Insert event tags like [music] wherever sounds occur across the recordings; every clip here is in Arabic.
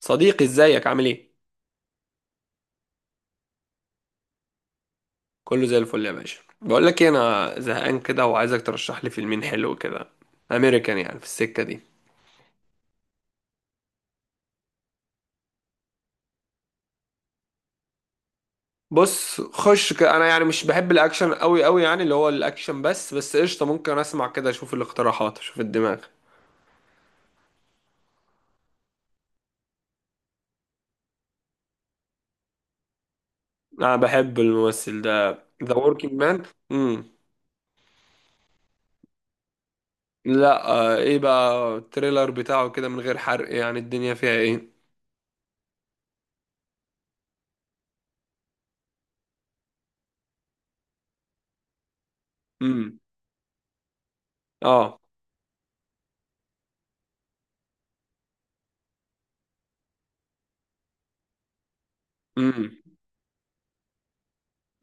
صديقي، ازيك؟ عامل ايه؟ كله زي الفل يا باشا. بقول لك ايه، انا زهقان كده وعايزك ترشح لي فيلمين حلو كده، امريكان يعني، في السكه دي. بص، انا يعني مش بحب الاكشن قوي قوي، يعني اللي هو الاكشن، بس قشطه، ممكن اسمع كده، اشوف الاقتراحات، اشوف الدماغ. انا بحب الممثل ده. ذا وركينج مان. امم. لا، ايه بقى التريلر بتاعه كده من غير حرق؟ يعني الدنيا فيها ايه؟ امم. اه. امم.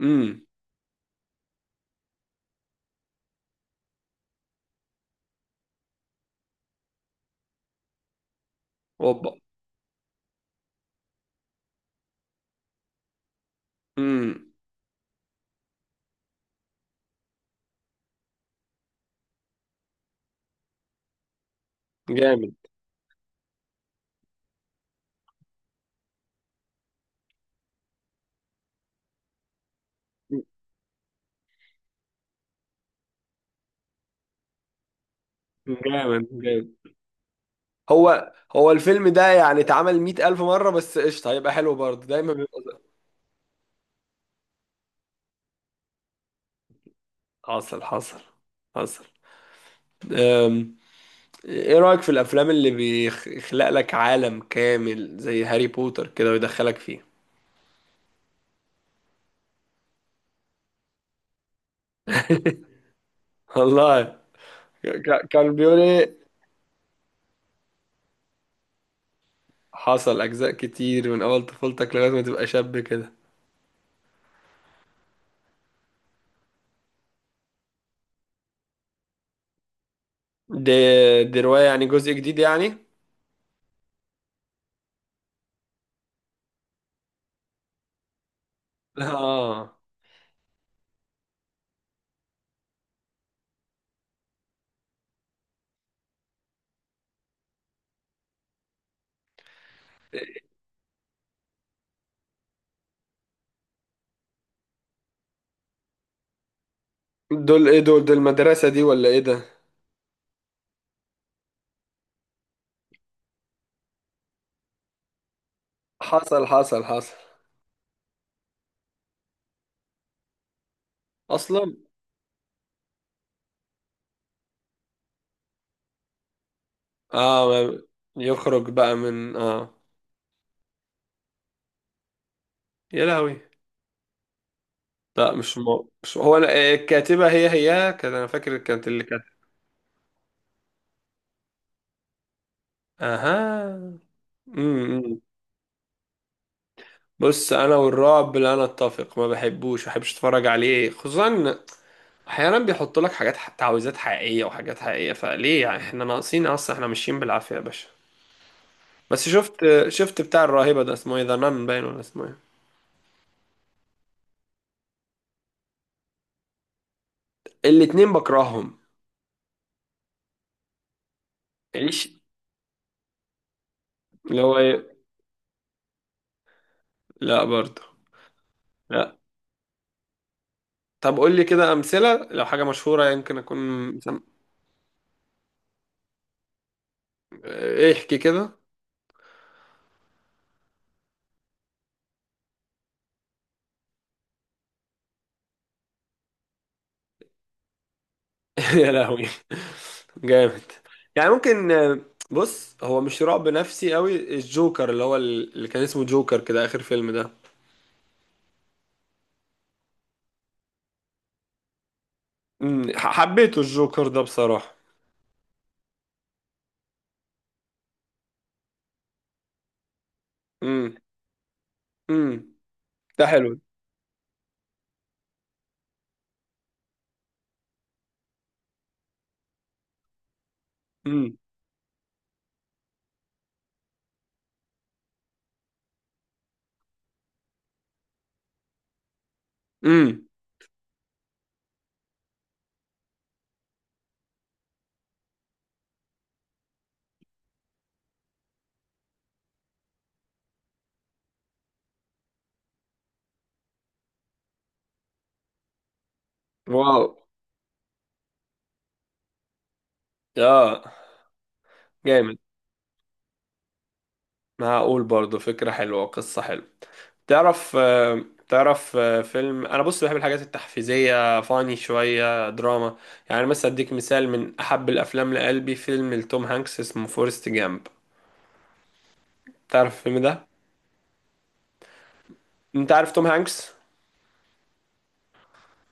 امم. اوبا. امم. جامد جامد جامد. هو الفيلم ده يعني اتعمل مئة ألف مرة، بس قشطة، هيبقى حلو برضه، دايما بيبقى حصل، حصل، حصل. أم، ايه رأيك في الأفلام اللي بيخلق لك عالم كامل زي هاري بوتر كده ويدخلك فيه؟ [laughs] والله. كان بيقول ايه؟ حصل، أجزاء كتير من أول طفولتك لغاية ما تبقى شاب كده. دي دي رواية يعني، جزء جديد يعني؟ [laughs] اه. دول ايه؟ دول المدرسة دي ولا ايه ده؟ حصل، حصل، حصل. اصلا. اه. يخرج بقى من يا لهوي. لا، مش هو. انا الكاتبة هي كانت، انا فاكر كانت اللي كانت. اها. إمم. بص، انا والرعب لا نتفق، ما بحبوش، ما بحبش اتفرج عليه خصوصا. احيانا بيحط لك حاجات تعويذات حقيقية وحاجات حقيقية، فليه يعني؟ احنا ناقصين؟ اصلا احنا ماشيين بالعافية يا باشا. بس شفت بتاع الراهبة ده، اسمه ايه؟ ذا نان باين ولا اسمه ايه؟ الاتنين بكرههم. عيش. اللي هو ايه؟ لا، برضه. طب قول لي كده أمثلة، لو حاجة مشهورة يمكن أكون. سم... إيه، احكي كده. [laughs] يا لهوي. جامد. يعني ممكن، بص، هو مش رعب نفسي قوي، الجوكر اللي هو اللي كان اسمه جوكر كده، آخر فيلم ده. حبيته الجوكر ده بصراحة. امم. امم. ده حلو. امم. امم. واو. اه. جامد. معقول، برضه فكرة حلوة وقصة حلوة. تعرف آه، تعرف فيلم، انا بص بحب الحاجات التحفيزيه، فاني شويه دراما. يعني مثلا اديك مثال من احب الافلام لقلبي، فيلم لتوم هانكس اسمه فورست جامب. تعرف الفيلم ده؟ انت عارف توم هانكس؟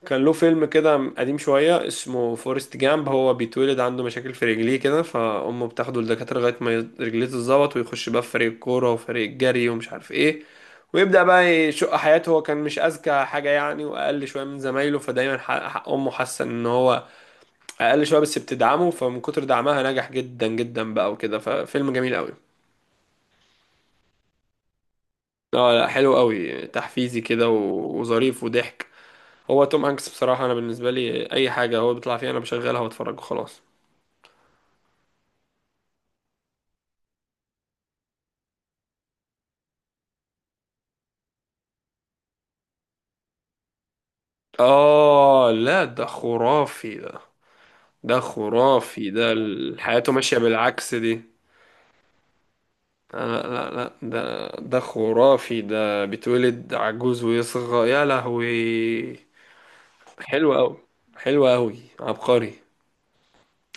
كان له فيلم كده قديم شوية اسمه فورست جامب. هو بيتولد عنده مشاكل في رجليه كده، فأمه بتاخده للدكاترة لغاية ما رجليه تتظبط، ويخش بقى في فريق الكورة وفريق الجري ومش عارف ايه. ويبدأ بقى يشق حياته، هو كان مش أذكى حاجة يعني، وأقل شوية من زمايله، فدايما حق أمه حاسة إن هو أقل شوية، بس بتدعمه، فمن كتر دعمها نجح جدا جدا بقى وكده. ففيلم جميل قوي. اه لا، حلو قوي، تحفيزي كده وظريف وضحك. هو توم هانكس بصراحة، أنا بالنسبة لي أي حاجة هو بيطلع فيها أنا بشغلها وأتفرج وخلاص. آه لا، ده خرافي ده. ده خرافي ده، حياته ماشية بالعكس دي. لا، لا، لا، ده خرافي ده، بيتولد عجوز ويصغى، يا لهوي. حلو أوي. حلو أوي، عبقري.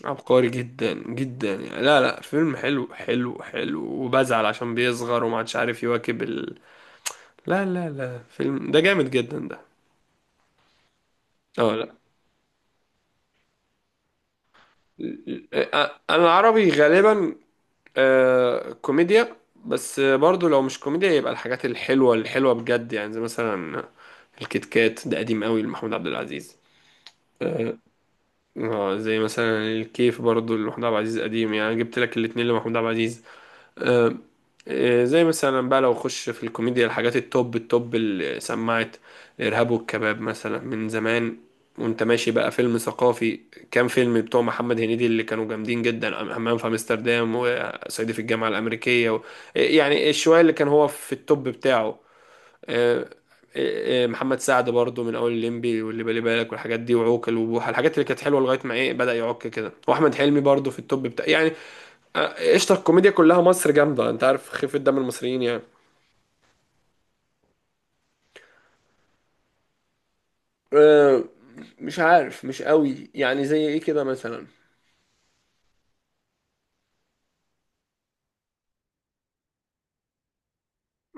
عبقري جدا جدا يعني، لا لا، فيلم حلو حلو حلو، وبزعل عشان بيصغر ومعادش عارف يواكب لا، لا، لا، فيلم ده جامد جدا ده. اه، لا. انا العربي غالبا. آه، كوميديا. بس برضو لو مش كوميديا يبقى الحاجات الحلوة الحلوة بجد يعني، زي مثلا الكيت كات ده قديم قوي لمحمود عبد العزيز. آه. زي مثلا الكيف برضو لمحمود عبد العزيز، قديم يعني، أنا جبت لك الاتنين لمحمود عبد العزيز. آه، زي مثلا بقى لو اخش في الكوميديا، الحاجات التوب التوب اللي سمعت الارهاب والكباب مثلا من زمان، وانت ماشي بقى فيلم ثقافي. كام فيلم بتوع محمد هنيدي اللي كانوا جامدين جدا، همام في امستردام وصعيدي في الجامعة الأمريكية و... آه، يعني شوية اللي كان هو في التوب بتاعه. آه، محمد سعد برضو من اول الليمبي واللي بالي بالك والحاجات دي، وعوكل وبوحة، الحاجات اللي كانت حلوه لغايه ما ايه بدأ يعك كده، واحمد حلمي برضو في التوب بتاع يعني. قشطة، الكوميديا كلها مصر جامدة، انت عارف خفة دم المصريين يعني. آه، مش عارف، مش قوي يعني، زي ايه كده مثلا؟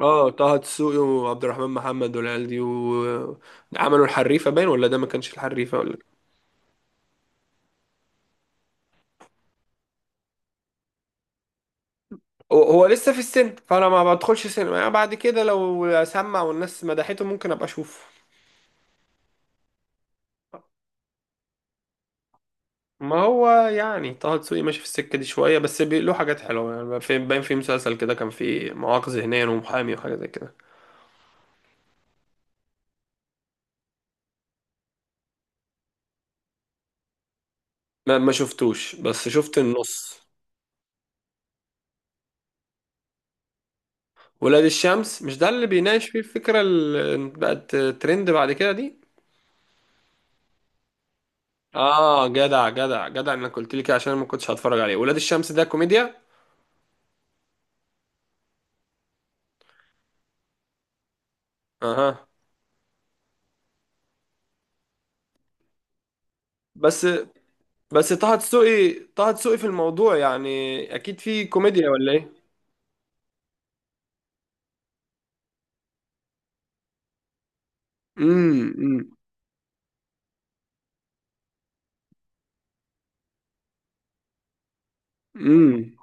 اه، طه دسوقي وعبد الرحمن محمد والعيال دي، وعملوا الحريفة باين، ولا ده ما كانش الحريفة ولا؟ هو لسه في السن، فانا ما بدخلش سينما يعني، بعد كده لو سمع والناس مدحته ممكن ابقى اشوفه. ما هو يعني طه دسوقي ماشي في السكة دي شوية، بس له حاجات حلوة يعني، باين في مسلسل كده، كان فيه مواقف ذهنيا ومحامي وحاجة زي كده. ما شفتوش، بس شفت النص. ولاد الشمس مش ده اللي بيناقش فيه الفكرة اللي بقت ترند بعد كده دي؟ اه، جدع جدع جدع انك قلت لي كده، عشان أنا ما كنتش هتفرج عليه. ولاد الشمس ده كوميديا؟ اها. بس بس طه دسوقي في الموضوع يعني، اكيد في كوميديا ولا ايه؟ امم. امم.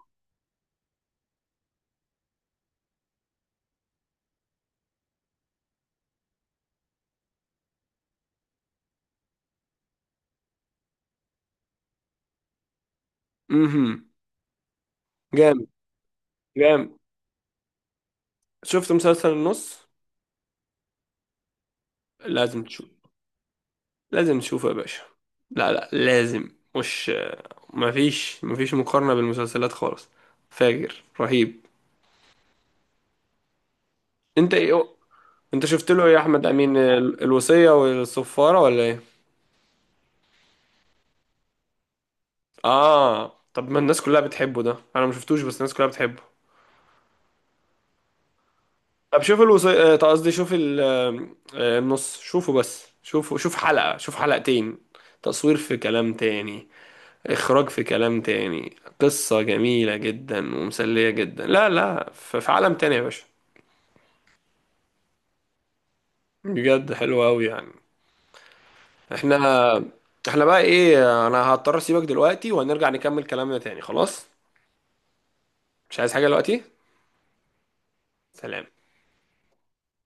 امم. جامد. جامد. شفت مسلسل النص؟ لازم تشوف. لازم تشوفه يا باشا. لا، لا، لازم، مش مفيش مقارنة بالمسلسلات خالص. فاجر، رهيب. انت ايه؟ انت شفت له ايه يا احمد امين؟ الوصية والصفارة ولا ايه؟ اه، طب ما الناس كلها بتحبه ده، انا ما شفتوش بس الناس كلها بتحبه. طب شوف الوصية، قصدي شوف النص، شوفه بس، شوفه، شوف حلقة، شوف حلقتين. تصوير في كلام تاني. اخراج في كلام تاني، قصة جميلة جدا ومسلية جدا، لا لا، في عالم تاني يا باشا. بجد، حلو قوي يعني. احنا احنا بقى ايه؟ انا هضطر اسيبك دلوقتي، وهنرجع نكمل كلامنا تاني، خلاص. مش عايز حاجة دلوقتي. سلام.